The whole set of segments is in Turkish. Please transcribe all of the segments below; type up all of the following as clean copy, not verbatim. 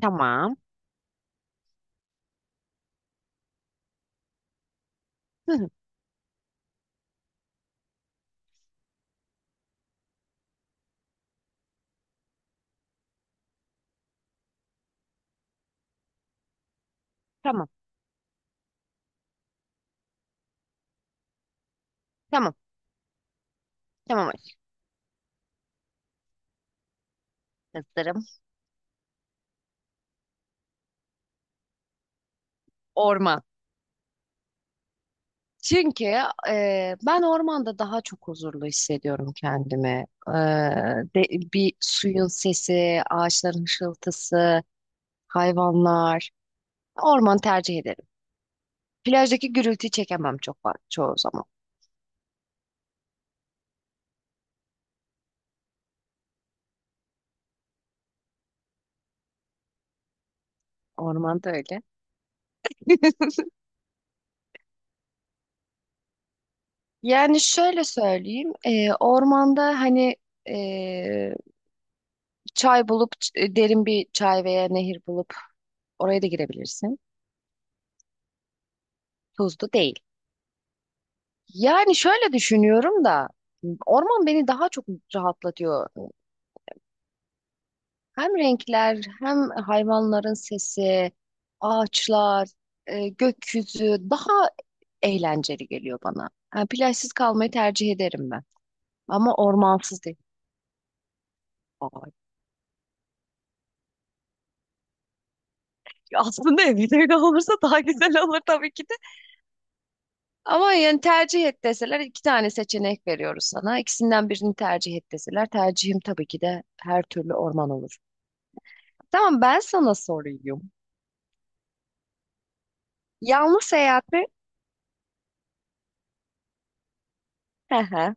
Tamam. Hı hı. Tamam. Tamam. Tamam aşkım. Hazırım. Orman. Çünkü ben ormanda daha çok huzurlu hissediyorum kendimi. De, bir suyun sesi, ağaçların hışıltısı, hayvanlar. Orman tercih ederim. Plajdaki gürültüyü çekemem çoğu zaman. Ormanda öyle. Yani şöyle söyleyeyim, ormanda hani e, çay bulup derin bir çay veya nehir bulup oraya da girebilirsin. Tuzlu değil. Yani şöyle düşünüyorum da orman beni daha çok rahatlatıyor. Hem renkler, hem hayvanların sesi, ağaçlar, gökyüzü daha eğlenceli geliyor bana. Yani plajsız kalmayı tercih ederim ben. Ama ormansız değil. Ay, aslında evet öyle olursa daha güzel olur tabii ki de. Ama yani tercih et deseler iki tane seçenek veriyoruz sana. İkisinden birini tercih et deseler tercihim tabii ki de her türlü orman olur. Tamam ben sana sorayım. Yalnız seyahat mi? Hı hı.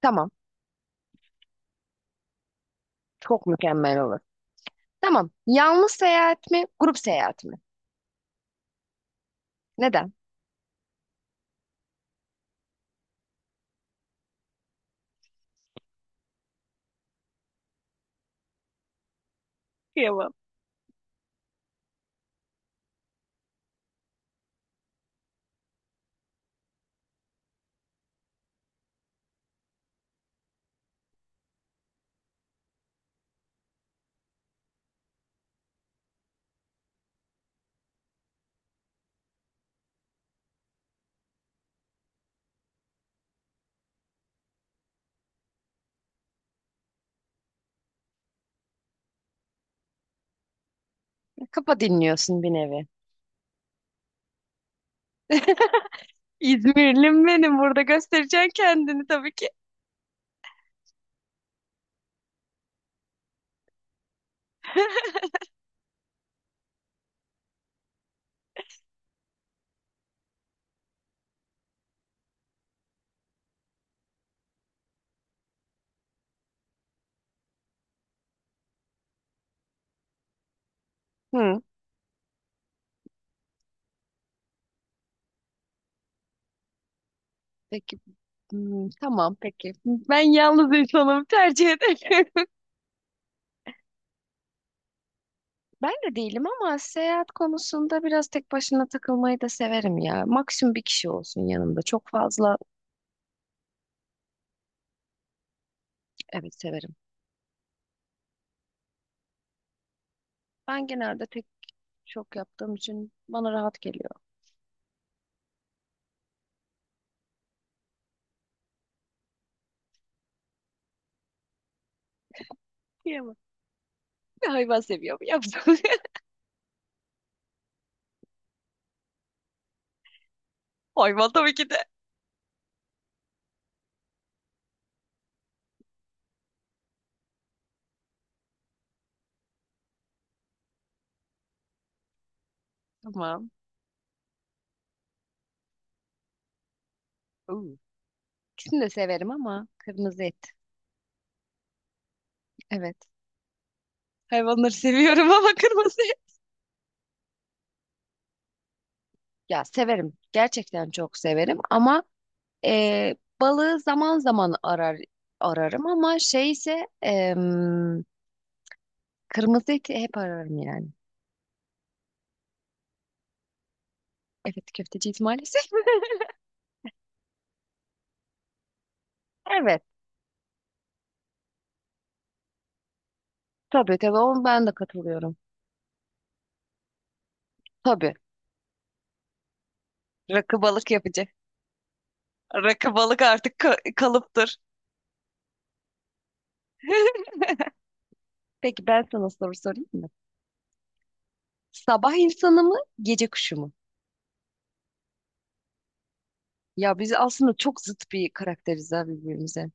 Tamam. Çok mükemmel olur. Tamam. Yalnız seyahat mi? Grup seyahat mi? Neden? Kıyamam. Kafa dinliyorsun bir nevi. İzmirlim benim burada göstereceksin kendini tabii ki. Hı. Peki. Hmm, tamam peki. Ben yalnız insanım tercih ederim. Ben de değilim ama seyahat konusunda biraz tek başına takılmayı da severim ya. Maksimum bir kişi olsun yanımda. Çok fazla, evet, severim. Ben genelde tek çok yaptığım için bana rahat geliyor. Yiyemem. Bir hayvan seviyorum. Yaptım. Hayvan tabii ki de. Tamam. Oo. İkisini de severim ama kırmızı et. Evet. Hayvanları seviyorum ama kırmızı et. Ya severim. Gerçekten çok severim ama balığı zaman zaman arar ararım ama şey ise kırmızı eti hep ararım yani. Evet köfteciyiz maalesef. Evet. Tabii tabii onu ben de katılıyorum. Tabii. Rakı balık yapacak. Rakı balık artık kalıptır. Peki ben sana soru sorayım mı? Sabah insanı mı, gece kuşu mu? Ya biz aslında çok zıt bir karakteriz ha birbirimize.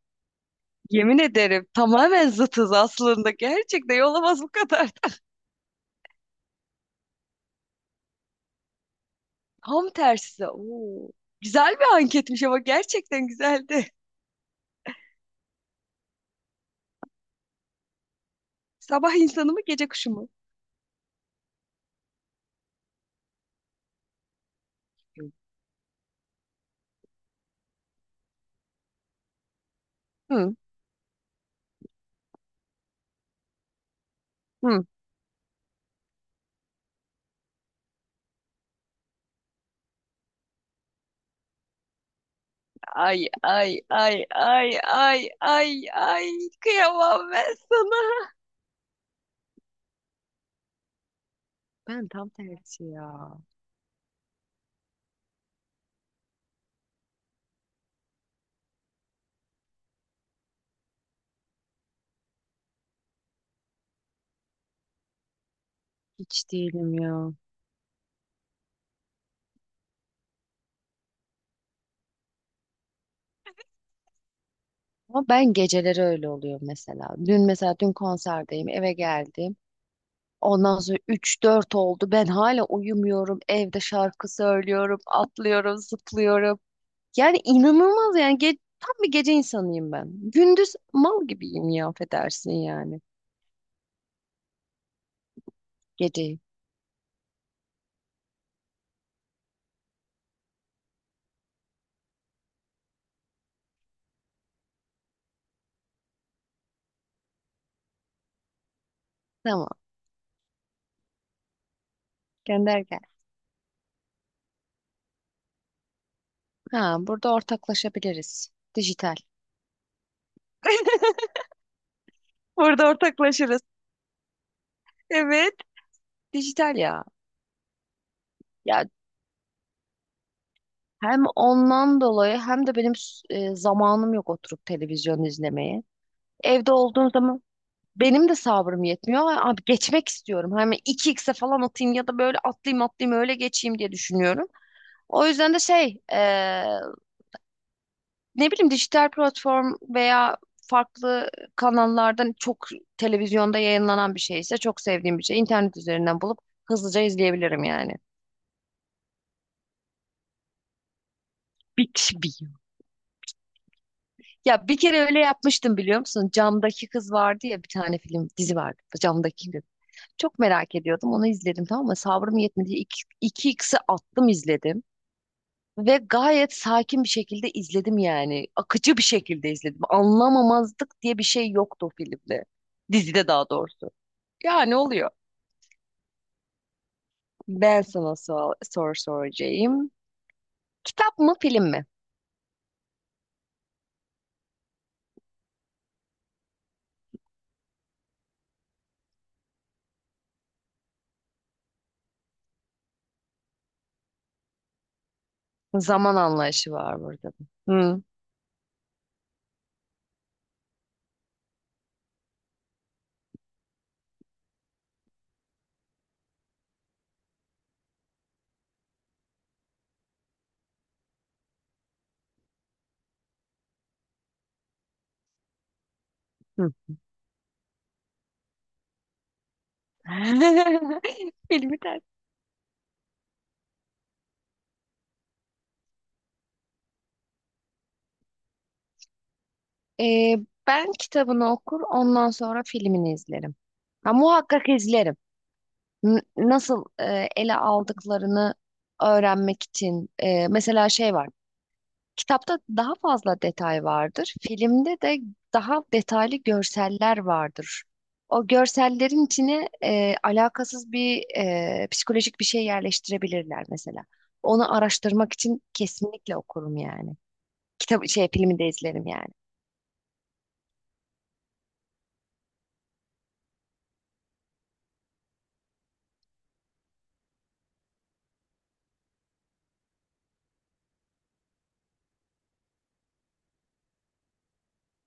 Yemin ederim tamamen zıtız aslında. Gerçekten olamaz bu kadar da. Tam tersi. Oo. Güzel bir anketmiş ama gerçekten güzeldi. Sabah insanı mı, gece kuşu mu? Hı. Hı. Ay ay ay ay ay ay ay kıyamam ben sana. Ben tam tersi ya. Hiç değilim ya. Ama ben geceleri öyle oluyor mesela. Dün mesela dün konserdeyim eve geldim. Ondan sonra üç dört oldu. Ben hala uyumuyorum. Evde şarkı söylüyorum, atlıyorum, zıplıyorum. Yani inanılmaz yani tam bir gece insanıyım ben. Gündüz mal gibiyim ya affedersin yani. Geceyi. Tamam. Gönder gel. Ha burada ortaklaşabiliriz. Dijital. Burada ortaklaşırız. Evet. Dijital ya. Ya hem ondan dolayı hem de benim zamanım yok oturup televizyon izlemeye. Evde olduğum zaman benim de sabrım yetmiyor. Ay, abi geçmek istiyorum. Hani iki xe falan atayım ya da böyle atlayayım atlayayım öyle geçeyim diye düşünüyorum. O yüzden de şey ne bileyim dijital platform veya farklı kanallardan çok televizyonda yayınlanan bir şeyse çok sevdiğim bir şey, internet üzerinden bulup hızlıca izleyebilirim yani. Big bir. Ya bir kere öyle yapmıştım biliyor musun? Camdaki kız vardı ya bir tane film dizi vardı. Camdaki kız. Çok merak ediyordum. Onu izledim tamam mı? Sabrım yetmedi. İki, iki x'i attım izledim. Ve gayet sakin bir şekilde izledim yani. Akıcı bir şekilde izledim. Anlamamazlık diye bir şey yoktu o filmde. Dizide daha doğrusu. Yani oluyor. Ben sana sor, soru soracağım. Kitap mı film mi? Zaman anlayışı var burada. Hı. Hı. Filmi tercih. Ee, ben kitabını okur, ondan sonra filmini izlerim. Ha, muhakkak izlerim. Nasıl ele aldıklarını öğrenmek için. Mesela şey var. Kitapta daha fazla detay vardır. Filmde de daha detaylı görseller vardır. O görsellerin içine alakasız bir psikolojik bir şey yerleştirebilirler mesela. Onu araştırmak için kesinlikle okurum yani. Kitap şey filmi de izlerim yani.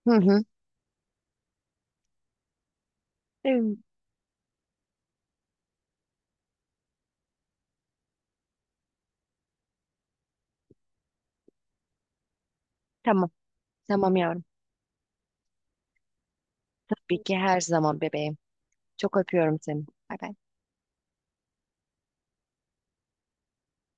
Hı hı. Evet. Tamam. Tamam yavrum. Tabii ki her zaman bebeğim. Çok öpüyorum seni. Bay bay.